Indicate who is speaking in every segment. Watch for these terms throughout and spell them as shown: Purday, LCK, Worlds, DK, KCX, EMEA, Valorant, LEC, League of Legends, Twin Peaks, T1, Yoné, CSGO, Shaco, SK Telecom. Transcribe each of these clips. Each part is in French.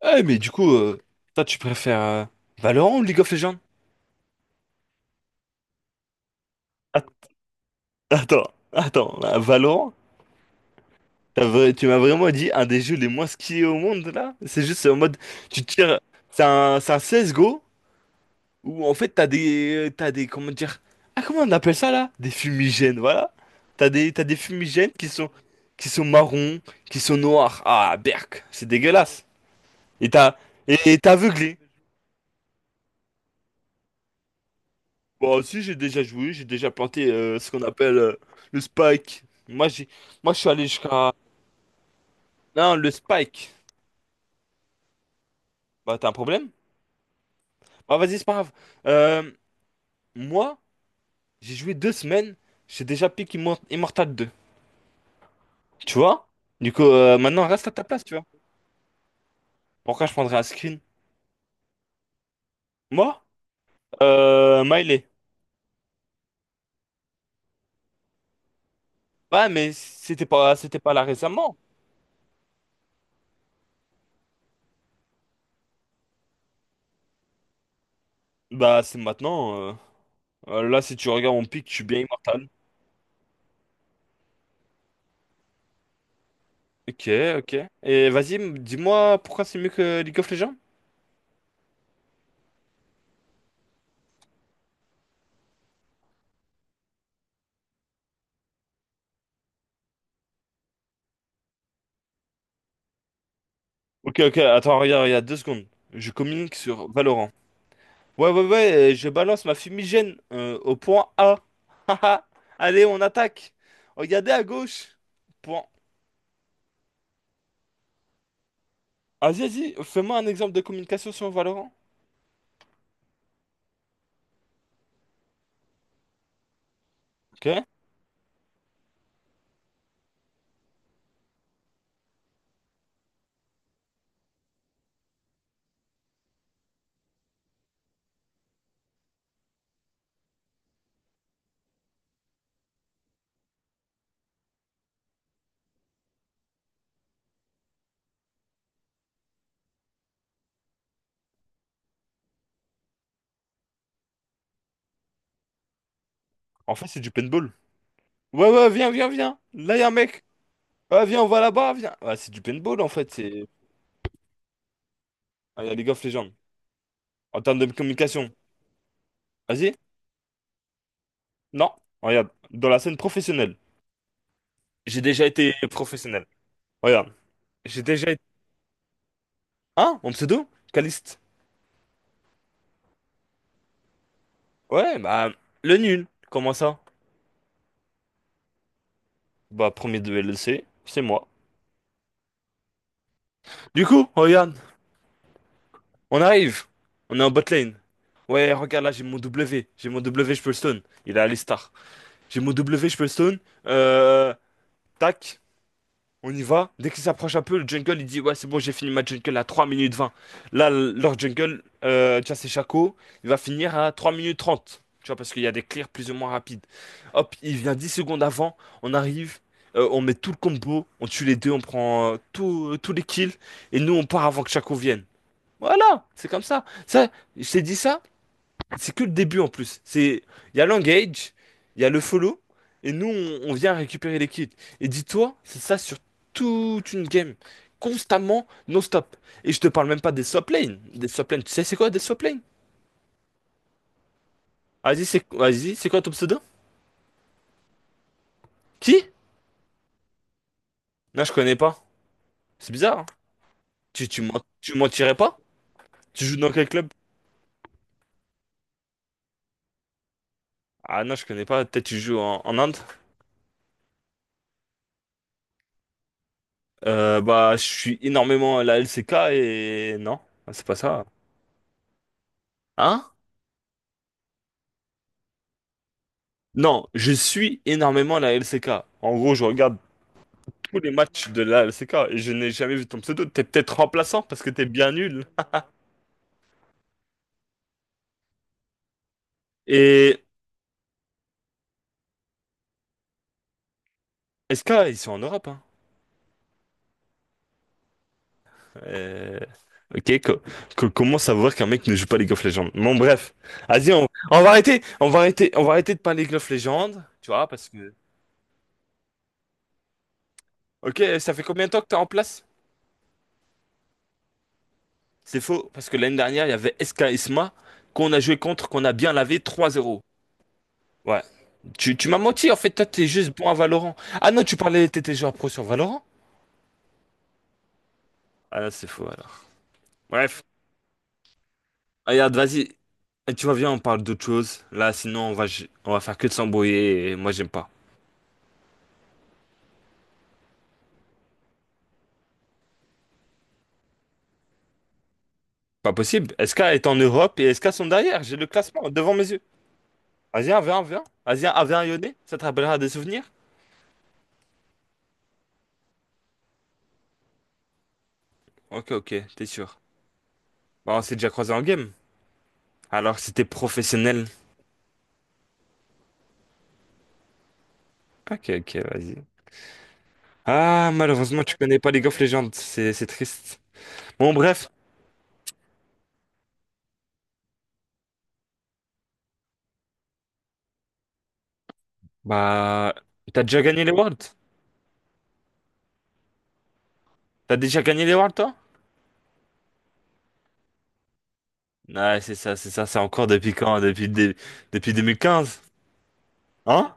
Speaker 1: Ah, mais du coup, toi, tu préfères Valorant ou League of Legends? Att- Attends, attends, là, Valorant, tu m'as vraiment dit un des jeux les moins skiés au monde là? C'est juste en mode, tu tires, c'est un CSGO où en fait t'as des, comment dire, ah comment on appelle ça là? Des fumigènes, voilà. T'as des fumigènes qui sont marrons, qui sont noirs. Ah, berk, c'est dégueulasse. Et t'as, et t'es aveuglé. Bon, si j'ai déjà joué, j'ai déjà planté ce qu'on appelle le spike. Moi, je suis allé jusqu'à. Non, le spike. Bah, t'as un problème? Bah, vas-y, c'est pas grave. Euh, moi, j'ai joué 2 semaines, j'ai déjà pick Immortal deux. Tu vois? Du coup, maintenant, reste à ta place, tu vois. Pourquoi je prendrais un screen? Moi? Miley. Bah, mais c'était pas là récemment. Bah, c'est maintenant. Là, si tu regardes mon pick, je suis bien Immortal. Ok, ok. Et vas-y, dis-moi pourquoi c'est mieux que League of Legends? Ok, ok, attends, regarde, regarde, 2 secondes. Je communique sur Valorant. Ouais, ouais, ouais, je balance ma fumigène au point A. Haha. Allez, on attaque. Regardez à gauche. Point. Vas-y, vas-y, fais-moi un exemple de communication sur Valorant. Ok. En fait, c'est du paintball. Ouais, ouais, viens, viens, viens. Là, y a un mec. Ouais, viens, on va là-bas, viens. Ouais, c'est du paintball, en fait. C'est... Ah, y a League of Legends. En termes de communication. Vas-y. Non. Regarde, dans la scène professionnelle. J'ai déjà été professionnel. Regarde. J'ai déjà. Ah, en pseudo? Caliste. Ouais, bah, le nul. Comment ça? Bah, premier de LEC, c'est moi. Du coup, regarde, on arrive. On est en bot lane. Ouais, regarde là, j'ai mon W. J'ai mon W, je peux le stun. Il est à l'Istar. J'ai mon W, je peux le stun. Euh, tac. On y va. Dès qu'il s'approche un peu, le jungle, il dit, ouais, c'est bon, j'ai fini ma jungle à 3 minutes 20. Là, leur jungle, tu vois, c'est Shaco, il va finir à 3 minutes 30. Tu vois, parce qu'il y a des clears plus ou moins rapides. Hop, il vient 10 secondes avant, on arrive, on met tout le combo, on tue les deux, on prend tous les kills, et nous, on part avant que Shaco vienne. Voilà, c'est comme ça. Ça, je t'ai dit ça, c'est que le début en plus. Il y a l'engage, il y a le follow, et nous, on vient récupérer les kills. Et dis-toi, c'est ça sur toute une game. Constamment, non-stop. Et je te parle même pas des swap lanes. Des swap lanes, tu sais c'est quoi des swap lanes? Vas-y, c'est quoi ton pseudo? Qui? Non, je connais pas. C'est bizarre, hein. Tu mentirais pas? Tu joues dans quel club? Ah non, je connais pas. Peut-être tu joues en Inde? Bah, je suis énormément à la LCK et... Non, c'est pas ça. Hein? Non, je suis énormément la LCK. En gros, je regarde tous les matchs de la LCK et je n'ai jamais vu ton pseudo. T'es peut-être remplaçant parce que t'es bien nul. Et SK, ils sont en Europe, hein. Euh, Ok, comment savoir qu'un mec ne joue pas League of Legends? Bon, bref. Vas-y, on va arrêter, on va arrêter, on va arrêter de parler League of Legends, tu vois, parce que... Ok, ça fait combien de temps que t'es en place? C'est faux, parce que l'année dernière, il y avait SK Isma qu'on a joué contre, qu'on a bien lavé 3-0. Ouais. Tu m'as menti, en fait, toi, t'es juste bon à Valorant. Ah non, tu parlais, t'étais joueur pro sur Valorant? Ah là, c'est faux, alors. Bref, regarde, vas-y. Et tu vois, viens, on parle d'autre chose. Là, sinon, on va faire que de s'embrouiller et moi, j'aime pas. Pas possible. SK est en Europe et SK sont derrière. J'ai le classement devant mes yeux. Vas-y, viens, viens, viens. Vas-y, viens, viens, Yoné. Ça te rappellera des souvenirs? Ok, ok, t'es sûr. Bah, on s'est déjà croisé en game. Alors, c'était professionnel. Ok, ok, vas-y. Ah, malheureusement, tu connais pas League of Legends. C'est triste. Bon, bref. Bah, t'as déjà gagné les Worlds? T'as déjà gagné les Worlds, toi? Ouais, c'est ça, c'est ça, c'est encore depuis quand? Depuis 2015. Hein?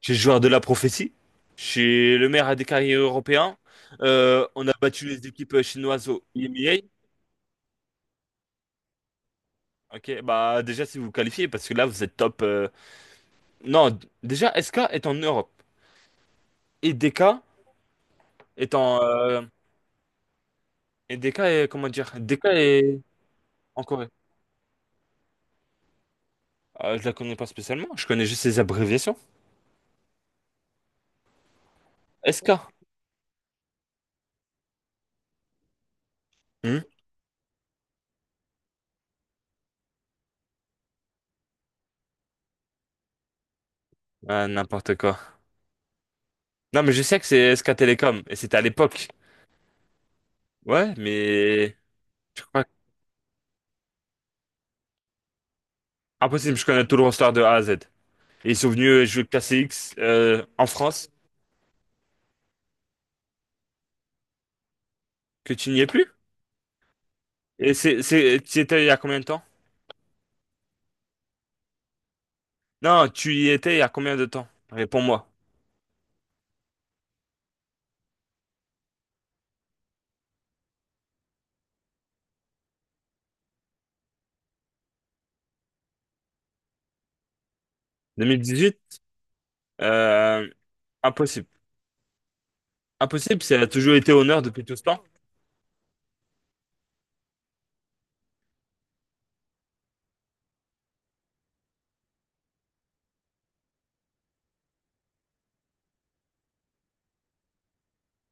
Speaker 1: J'ai joueur de la prophétie. J'ai suis le meilleur des carrières européens. On a battu les équipes chinoises au EMEA. Ok, bah déjà si vous vous qualifiez, parce que là vous êtes top. Non, déjà SK est en Europe. Et DK est en... Et DK est... Comment dire? DK est en Corée. Je la connais pas spécialement, je connais juste ses abréviations. SK. Ah, n'importe quoi. Non, mais je sais que c'est SK Telecom, et c'était à l'époque. Ouais, mais je crois que- impossible, je connais tout le roster de A à Z. Et ils sont venus jouer le KCX en France, que tu n'y es plus? Et tu y étais il y a combien de temps? Non, tu y étais il y a combien de temps? Réponds-moi. 2018? Euh, impossible. Impossible, ça a toujours été honneur depuis tout ce temps.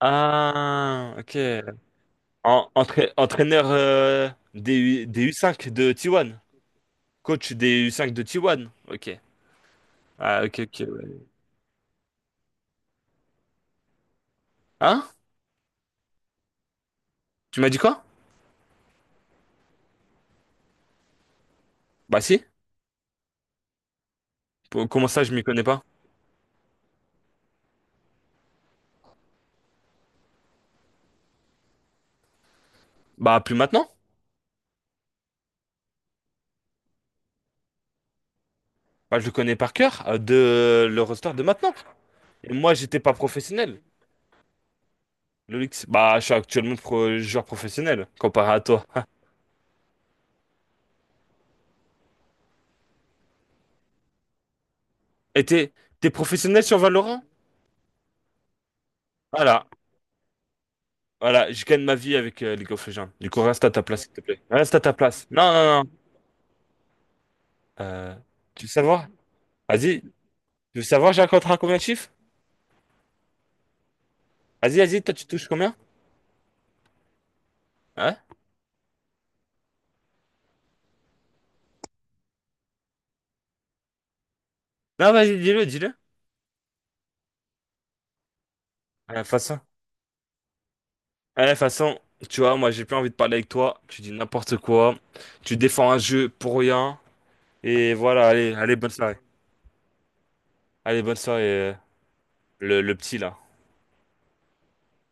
Speaker 1: Ah, ok. Entraîneur des, U, 5 de T1. Coach des U5 de T1. Ok. Ah, ok, ok, ouais. Hein? Tu m'as dit quoi? Bah si. Comment ça, je m'y connais pas? Bah plus maintenant. Bah je le connais par cœur de le roster de maintenant. Et moi, j'étais pas professionnel. Le Lynx, bah je suis actuellement joueur professionnel comparé à toi. Et t'es professionnel sur Valorant? Voilà, voilà. Je gagne ma vie avec League of Legends. Du coup, reste à ta place, s'il te plaît. Reste à ta place. Non, non, non. Euh, tu veux savoir? Vas-y. Tu veux savoir, j'ai un contrat à combien de chiffres? Vas-y, vas-y. Toi, tu touches combien? Hein? Non, vas-y, dis-le, dis-le. À la façon. Eh, de toute façon, tu vois, moi j'ai plus envie de parler avec toi. Tu dis n'importe quoi. Tu défends un jeu pour rien. Et voilà, allez, allez, bonne soirée. Allez, bonne soirée, euh, le petit là.